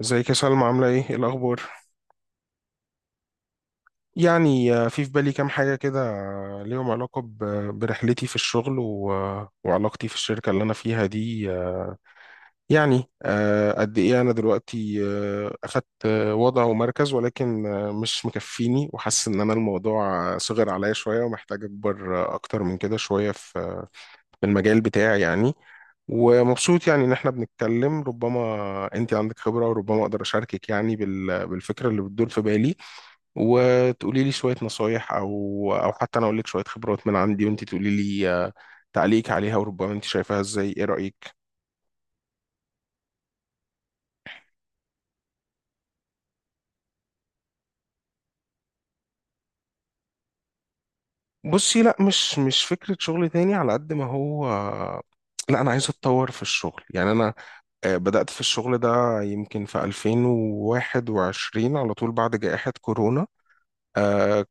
ازيك يا سلمى؟ عاملة ايه الأخبار؟ في بالي كام حاجة كده، ليهم علاقة برحلتي في الشغل و وعلاقتي في الشركة اللي أنا فيها دي. قد ايه أنا دلوقتي أخدت وضع ومركز، ولكن مش مكفيني، وحاسس إن أنا الموضوع صغر عليا شوية، ومحتاج أكبر أكتر من كده شوية في في المجال بتاعي يعني. ومبسوط يعني ان احنا بنتكلم، ربما انت عندك خبرة وربما اقدر اشاركك يعني بالفكرة اللي بتدور في بالي، وتقولي لي شوية نصايح، أو حتى أنا أقول لك شوية خبرات من عندي، وأنت تقولي لي تعليق عليها، وربما أنت شايفاها إزاي. إيه رأيك؟ بصي، لا، مش فكرة شغل تاني على قد ما هو، لا أنا عايز أتطور في الشغل. يعني أنا بدأت في الشغل ده يمكن في 2021 على طول بعد جائحة كورونا. آه،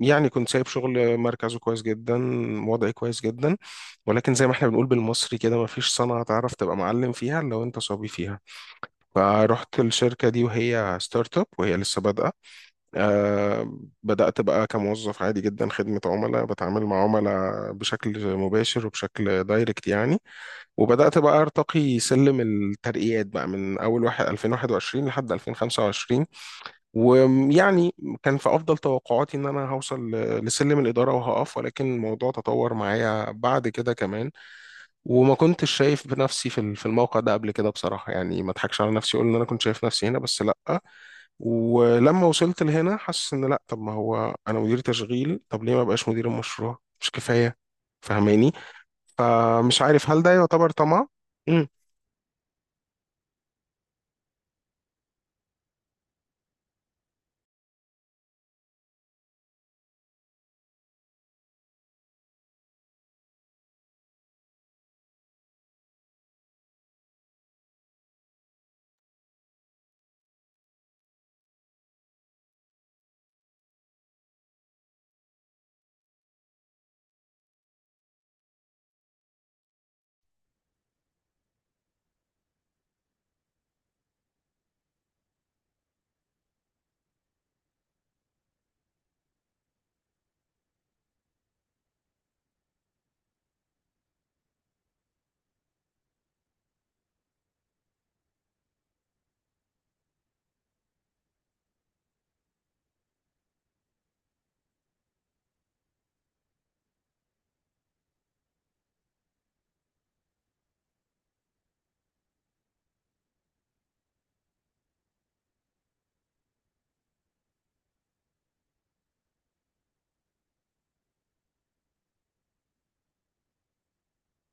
يعني كنت سايب شغل مركزه كويس جدا، وضعي كويس جدا، ولكن زي ما احنا بنقول بالمصري كده، مفيش صنعة تعرف تبقى معلم فيها إلا وأنت صبي فيها. فرحت الشركة دي وهي ستارت اب وهي لسه بادئة. آه، بدأت بقى كموظف عادي جدا، خدمة عملاء، بتعامل مع عملاء بشكل مباشر وبشكل دايركت يعني. وبدأت بقى أرتقي سلم الترقيات بقى من أول واحد 2021 لحد 2025. ويعني كان في أفضل توقعاتي إن أنا هوصل لسلم الإدارة وهقف، ولكن الموضوع تطور معايا بعد كده كمان. وما كنتش شايف بنفسي في في الموقع ده قبل كده بصراحة، يعني ما اضحكش على نفسي اقول ان انا كنت شايف نفسي هنا، بس لا. ولما وصلت لهنا حاسس ان لا، طب ما هو انا مدير تشغيل، طب ليه ما بقاش مدير المشروع؟ مش كفاية؟ فاهماني؟ فمش عارف هل ده يعتبر طمع.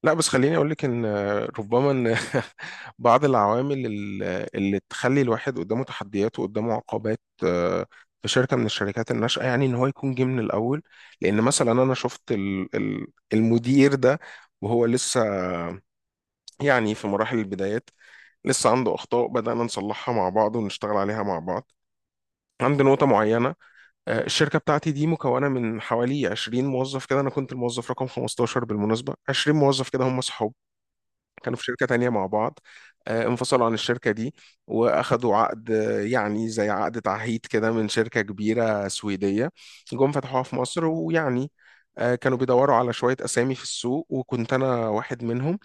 لا بس خليني اقول لك ان ربما ان بعض اللي تخلي الواحد قدامه تحديات وقدامه عقبات في شركه من الشركات الناشئه، يعني ان هو يكون جه من الاول. لان مثلا انا شفت المدير ده وهو لسه يعني في مراحل البدايات، لسه عنده اخطاء بدانا نصلحها مع بعض ونشتغل عليها مع بعض. عند نقطة معينة، الشركة بتاعتي دي مكونة من حوالي 20 موظف كده. أنا كنت الموظف رقم 15 بالمناسبة. 20 موظف كده هم كانوا في شركة تانية مع بعض، انفصلوا عن الشركة دي، وأخدوا عقد يعني زي عقد تعهيد كده من شركة كبيرة سويدية، جم فتحوها في مصر. ويعني كانوا بيدوروا على شوية أسامي في السوق، وكنت أنا واحد منهم.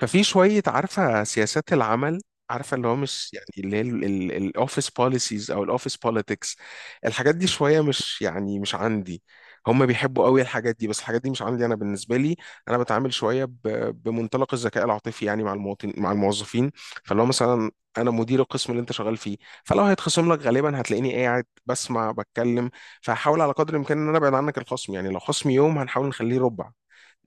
ففي شوية عارفة سياسات العمل، عارفة اللي هو مش يعني اللي هي الاوفيس بوليسيز او الاوفيس بوليتكس، الحاجات دي شوية مش يعني مش عندي. هم بيحبوا قوي الحاجات دي، بس الحاجات دي مش عندي انا بالنسبة لي. انا بتعامل شوية بمنطلق الذكاء العاطفي يعني مع المواطن، مع الموظفين. فاللي هو مثلا انا مدير القسم اللي انت شغال فيه، فلو هيتخصم لك غالبا هتلاقيني قاعد بسمع بتكلم، فهحاول على قدر الامكان ان انا ابعد عنك الخصم. يعني لو خصمي يوم هنحاول نخليه ربع،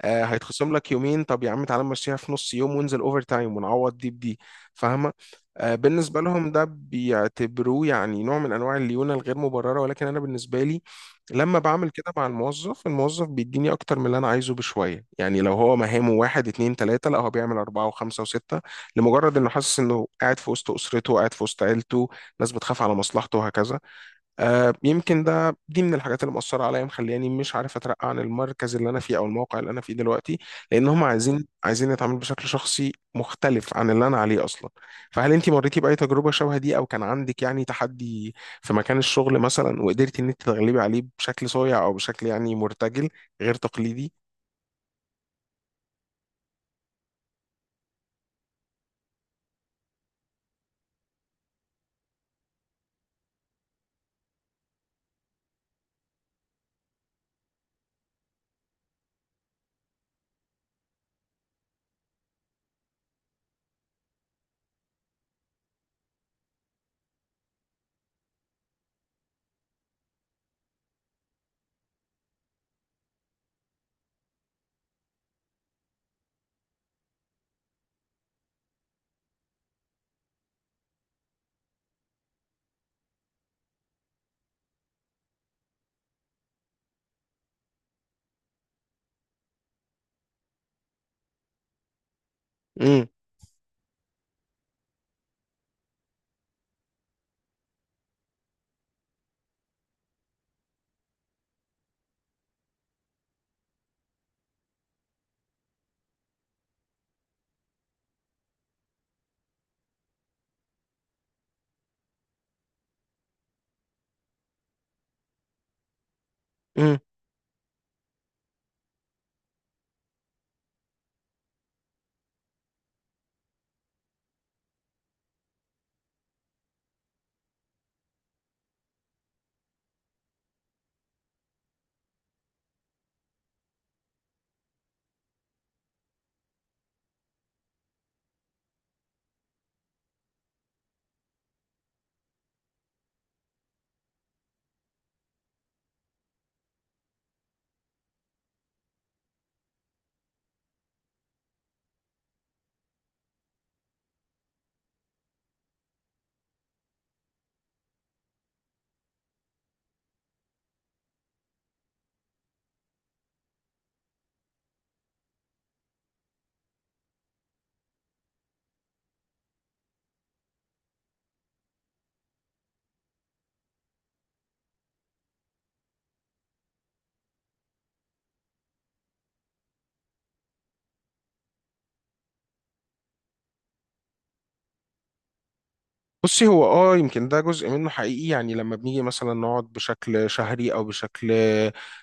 آه هيتخصم لك يومين طب يا عم تعالى نمشيها في نص يوم وانزل اوفر تايم ونعوض دي بدي. فاهمه؟ آه بالنسبه لهم ده بيعتبروه يعني نوع من انواع الليونه الغير مبرره، ولكن انا بالنسبه لي لما بعمل كده مع الموظف، الموظف بيديني اكتر من اللي انا عايزه بشويه. يعني لو هو مهامه واحد اتنين تلاته، لا هو بيعمل اربعه وخمسه وسته، لمجرد انه حاسس انه قاعد في وسط اسرته، قاعد في وسط عيلته، ناس بتخاف على مصلحته، وهكذا. يمكن ده دي من الحاجات اللي مؤثرة عليا، مخلياني مش عارف اترقى عن المركز اللي انا فيه او الموقع اللي انا فيه دلوقتي، لان هم عايزين يتعاملوا بشكل شخصي مختلف عن اللي انا عليه اصلا. فهل انت مريتي باي تجربة شبه دي، او كان عندك يعني تحدي في مكان الشغل مثلا وقدرتي ان انت تتغلبي عليه بشكل صايع، او بشكل يعني مرتجل غير تقليدي؟ امم، بصي هو اه يمكن ده جزء منه حقيقي. يعني لما بنيجي مثلا نقعد بشكل شهري او بشكل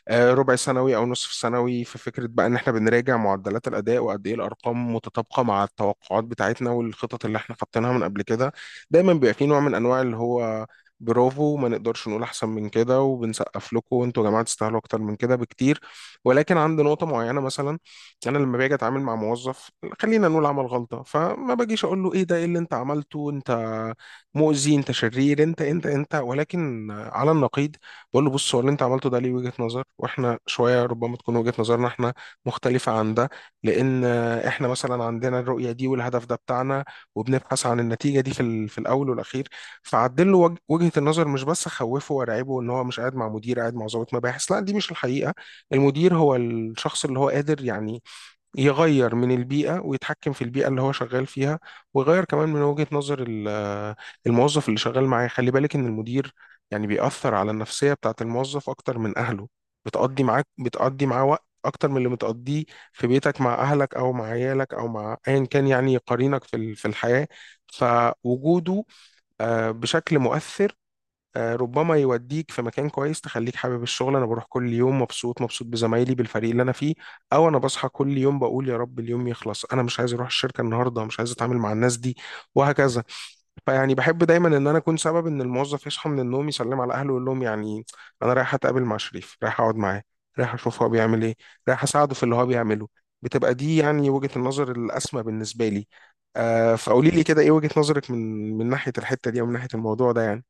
ربع سنوي او نصف سنوي في فكره بقى ان احنا بنراجع معدلات الاداء وقد ايه الارقام متطابقه مع التوقعات بتاعتنا والخطط اللي احنا حاطينها من قبل كده، دايما بيبقى في نوع من انواع اللي هو برافو، ما نقدرش نقول احسن من كده، وبنسقف لكم، وانتوا يا جماعه تستاهلوا اكتر من كده بكتير. ولكن عند نقطه معينه مثلا، انا لما باجي اتعامل مع موظف، خلينا نقول عمل غلطه، فما باجيش اقول له ايه ده، ايه اللي انت عملته، انت مؤذي انت شرير انت انت انت ولكن على النقيض، بقول له بص، هو اللي انت عملته ده ليه وجهة نظر، واحنا شويه ربما تكون وجهة نظرنا احنا مختلفه عن ده، لان احنا مثلا عندنا الرؤيه دي والهدف ده بتاعنا، وبنبحث عن النتيجه دي في في الاول والاخير. فعدل له وجهة النظر، مش بس خوفه ورعبه ان هو مش قاعد مع مدير، قاعد مع ضابط مباحث. لا دي مش الحقيقه. المدير هو الشخص اللي هو قادر يعني يغير من البيئة ويتحكم في البيئة اللي هو شغال فيها، ويغير كمان من وجهة نظر الموظف اللي شغال معاه. خلي بالك إن المدير يعني بيأثر على النفسية بتاعة الموظف أكتر من أهله. بتقضي معاك، بتقضي معاه وقت أكتر من اللي بتقضيه في بيتك مع أهلك، أو مع عيالك، أو مع أيا كان يعني قرينك في في الحياة. فوجوده بشكل مؤثر ربما يوديك في مكان كويس تخليك حابب الشغل، انا بروح كل يوم مبسوط، مبسوط بزمايلي، بالفريق اللي انا فيه. او انا بصحى كل يوم بقول يا رب اليوم يخلص، انا مش عايز اروح الشركه النهارده، مش عايز اتعامل مع الناس دي، وهكذا. فيعني بحب دايما ان انا اكون سبب ان الموظف يصحى من النوم، يسلم على اهله ويقول لهم يعني انا رايح اتقابل مع شريف، رايح اقعد معاه، رايح اشوف هو بيعمل ايه، رايح اساعده في اللي هو بيعمله. بتبقى دي يعني وجهة النظر الاسمى بالنسبه لي. فقولي لي كده، ايه وجهة نظرك من ناحيه الحته دي، او من ناحيه الموضوع ده يعني؟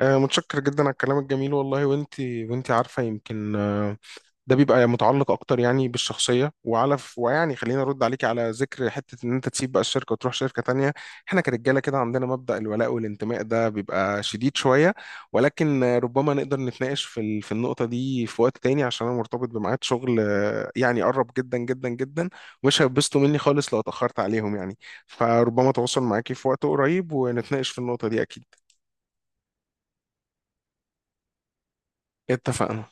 متشكر جدا على الكلام الجميل والله. وانت عارفه، يمكن ده بيبقى متعلق اكتر يعني بالشخصيه. وعلى ويعني خلينا ارد عليكي على ذكر حته ان انت تسيب بقى الشركه وتروح شركه تانية، احنا كرجاله كده عندنا مبدا الولاء والانتماء، ده بيبقى شديد شويه. ولكن ربما نقدر نتناقش في في النقطه دي في وقت تاني، عشان انا مرتبط بميعاد شغل يعني قرب جدا جدا جدا، ومش هيبسطوا مني خالص لو اتاخرت عليهم يعني. فربما اتواصل معاكي في وقت قريب ونتناقش في النقطه دي اكيد. اتفقنا.